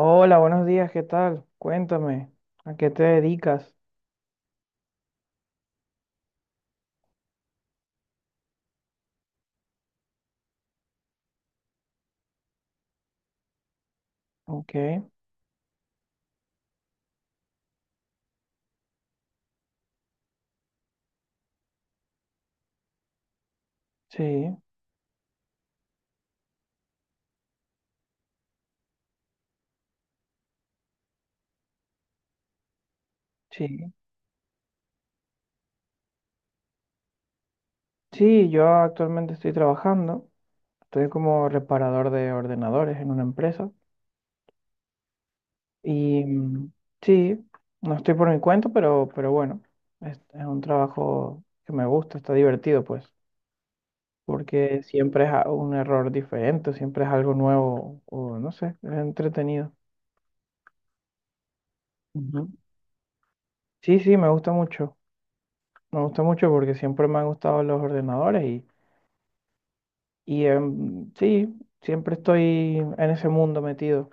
Hola, buenos días, ¿qué tal? Cuéntame, ¿a qué te dedicas? Ok, sí, sí. Sí, yo actualmente estoy trabajando, estoy como reparador de ordenadores en una empresa y sí, no estoy por mi cuenta, pero bueno, es un trabajo que me gusta, está divertido pues, porque siempre es un error diferente, siempre es algo nuevo o no sé, es entretenido. Ujú. Sí, sí, me gusta mucho. Me gusta mucho porque siempre me han gustado los ordenadores, y sí, siempre estoy en ese mundo metido.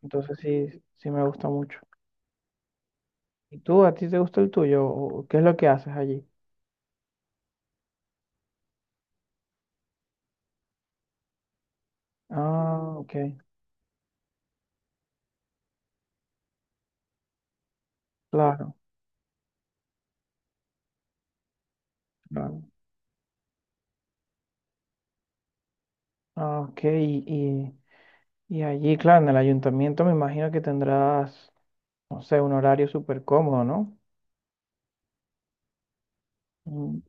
Entonces sí, sí me gusta mucho. ¿Y tú, a ti te gusta el tuyo? ¿O qué es lo que haces allí? Ah, ok, claro, claro. Ah, ok, y allí, claro, en el ayuntamiento me imagino que tendrás, no sé, un horario súper cómodo, ¿no? Mm.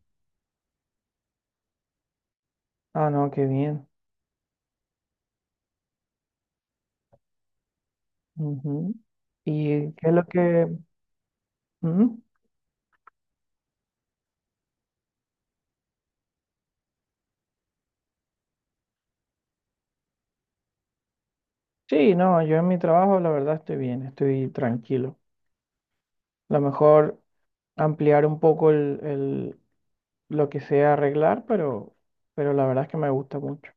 Ah, no, qué bien. Ujú. ¿Y qué es lo que...? Ujú. Sí, no, yo en mi trabajo la verdad estoy bien, estoy tranquilo. Lo mejor ampliar un poco lo que sea arreglar, pero la verdad es que me gusta mucho.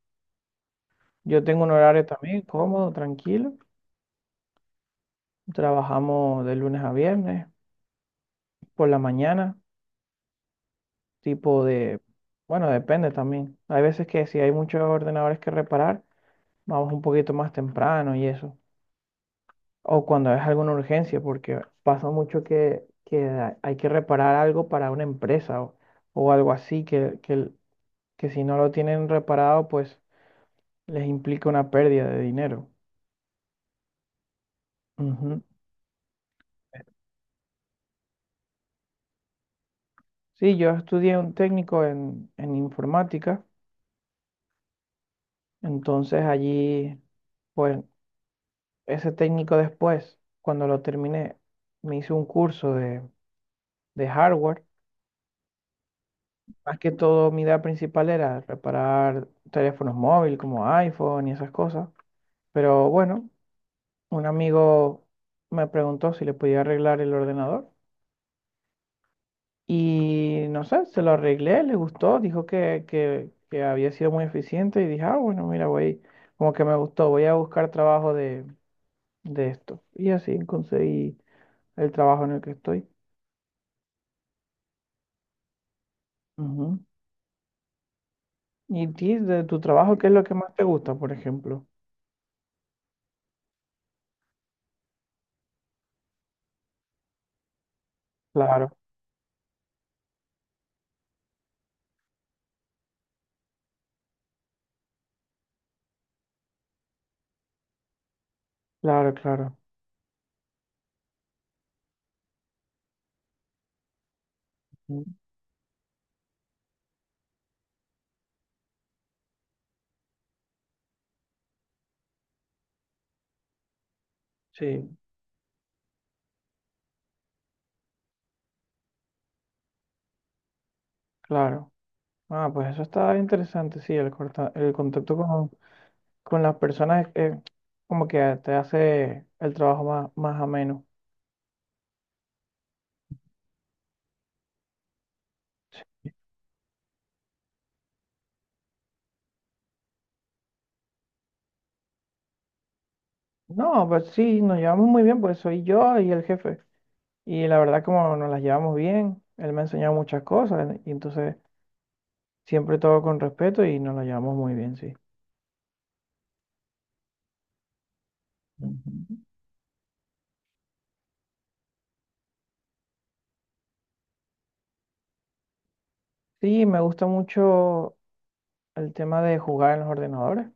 Yo tengo un horario también cómodo, tranquilo. Trabajamos de lunes a viernes, por la mañana, tipo de, bueno, depende también. Hay veces que si hay muchos ordenadores que reparar, vamos un poquito más temprano y eso. O cuando es alguna urgencia, porque pasa mucho que hay que reparar algo para una empresa o algo así, que si no lo tienen reparado, pues les implica una pérdida de dinero. Ujú. Sí, yo estudié un técnico en, informática, entonces allí, pues ese técnico después, cuando lo terminé, me hice un curso de hardware. Más que todo, mi idea principal era reparar teléfonos móviles como iPhone y esas cosas. Pero bueno, un amigo me preguntó si le podía arreglar el ordenador. Y no sé, se lo arreglé, le gustó, dijo que, que había sido muy eficiente, y dije, ah, bueno, mira, voy, como que me gustó, voy a buscar trabajo de, esto. Y así conseguí el trabajo en el que estoy. Ujú. ¿Y ti, de tu trabajo, qué es lo que más te gusta, por ejemplo? Claro, claro, claro. Ujú. Sí, claro. Ah, pues eso está interesante, sí, el, el contacto con las personas, como que te hace el trabajo más, más ameno. No, pues sí, nos llevamos muy bien, pues soy yo y el jefe. Y la verdad, como nos las llevamos bien, él me ha enseñado muchas cosas, y entonces siempre todo con respeto y nos las llevamos muy bien, sí. Ujú. Sí, me gusta mucho el tema de jugar en los ordenadores. O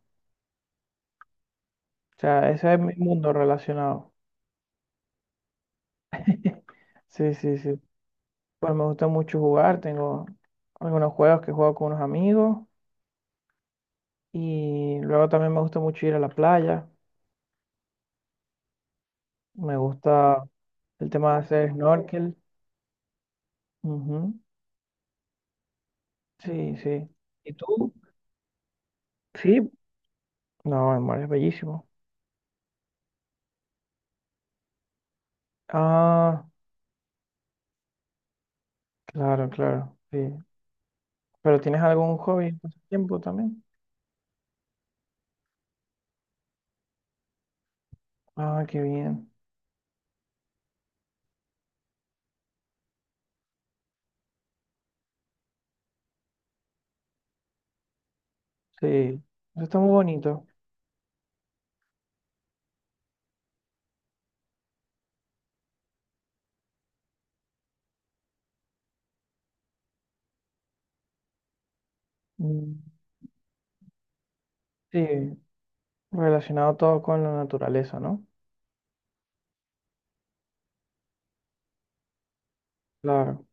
sea, ese es mi mundo relacionado. Sí, sí, sí. Pues me gusta mucho jugar. Tengo algunos juegos que juego con unos amigos. Y luego también me gusta mucho ir a la playa. Me gusta el tema de hacer snorkel. Ujú. Sí, sí. ¿Y tú? Sí, no, el mar es bellísimo. Ah, claro, claro, sí. ¿Pero tienes algún hobby en ese tiempo también? Ah, qué bien. Sí, eso está muy bonito. Mm. Sí, relacionado todo con la naturaleza, ¿no? Claro,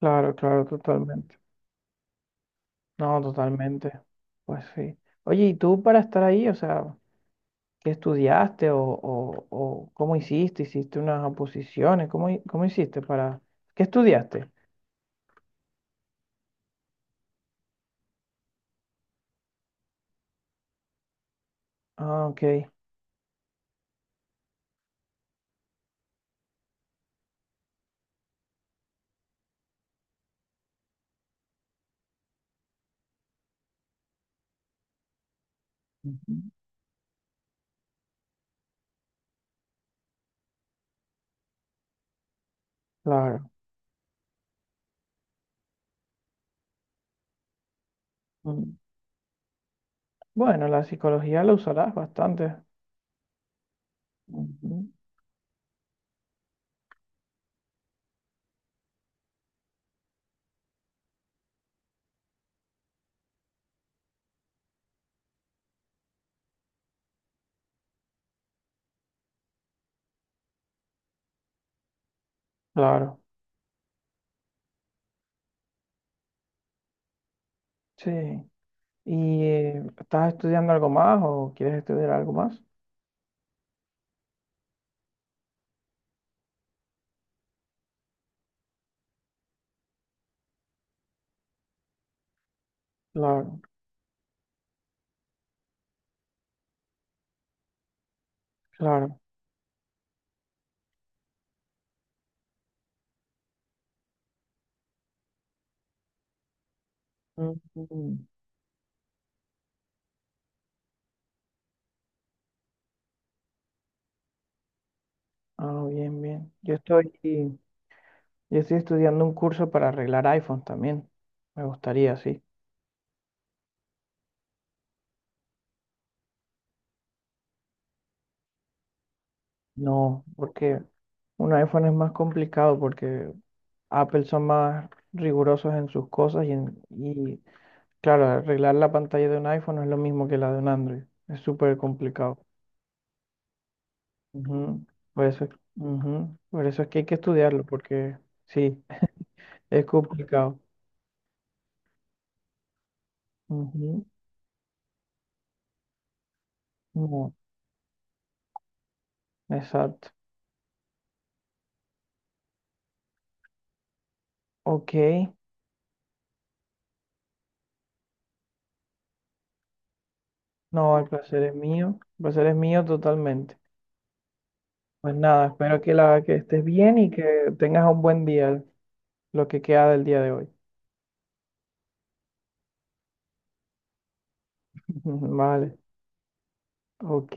claro, claro, totalmente. No, totalmente. Pues sí. Oye, ¿y tú para estar ahí, o sea, qué estudiaste o cómo hiciste? ¿Hiciste unas oposiciones? ¿Cómo hiciste para... ¿Qué estudiaste? Ah, ok. Ujú, claro. Mm, Bueno, la psicología la usarás bastante, ujú, claro. Sí. ¿Y estás estudiando algo más o quieres estudiar algo más? Claro, claro. Ujú. Ah, bien, bien. Yo estoy estudiando un curso para arreglar iPhones también. Me gustaría, sí. No, porque un iPhone es más complicado porque Apple son más rigurosos en sus cosas y, claro, arreglar la pantalla de un iPhone no es lo mismo que la de un Android. Es súper complicado. Ujú. Por eso, ujú, por eso es que hay que estudiarlo, porque sí, es complicado. Ujú. No, exacto. Ok, no, el placer es mío. El placer es mío totalmente. Pues nada, espero que, la, que estés bien y que tengas un buen día, lo que queda del día de hoy. Vale, ok.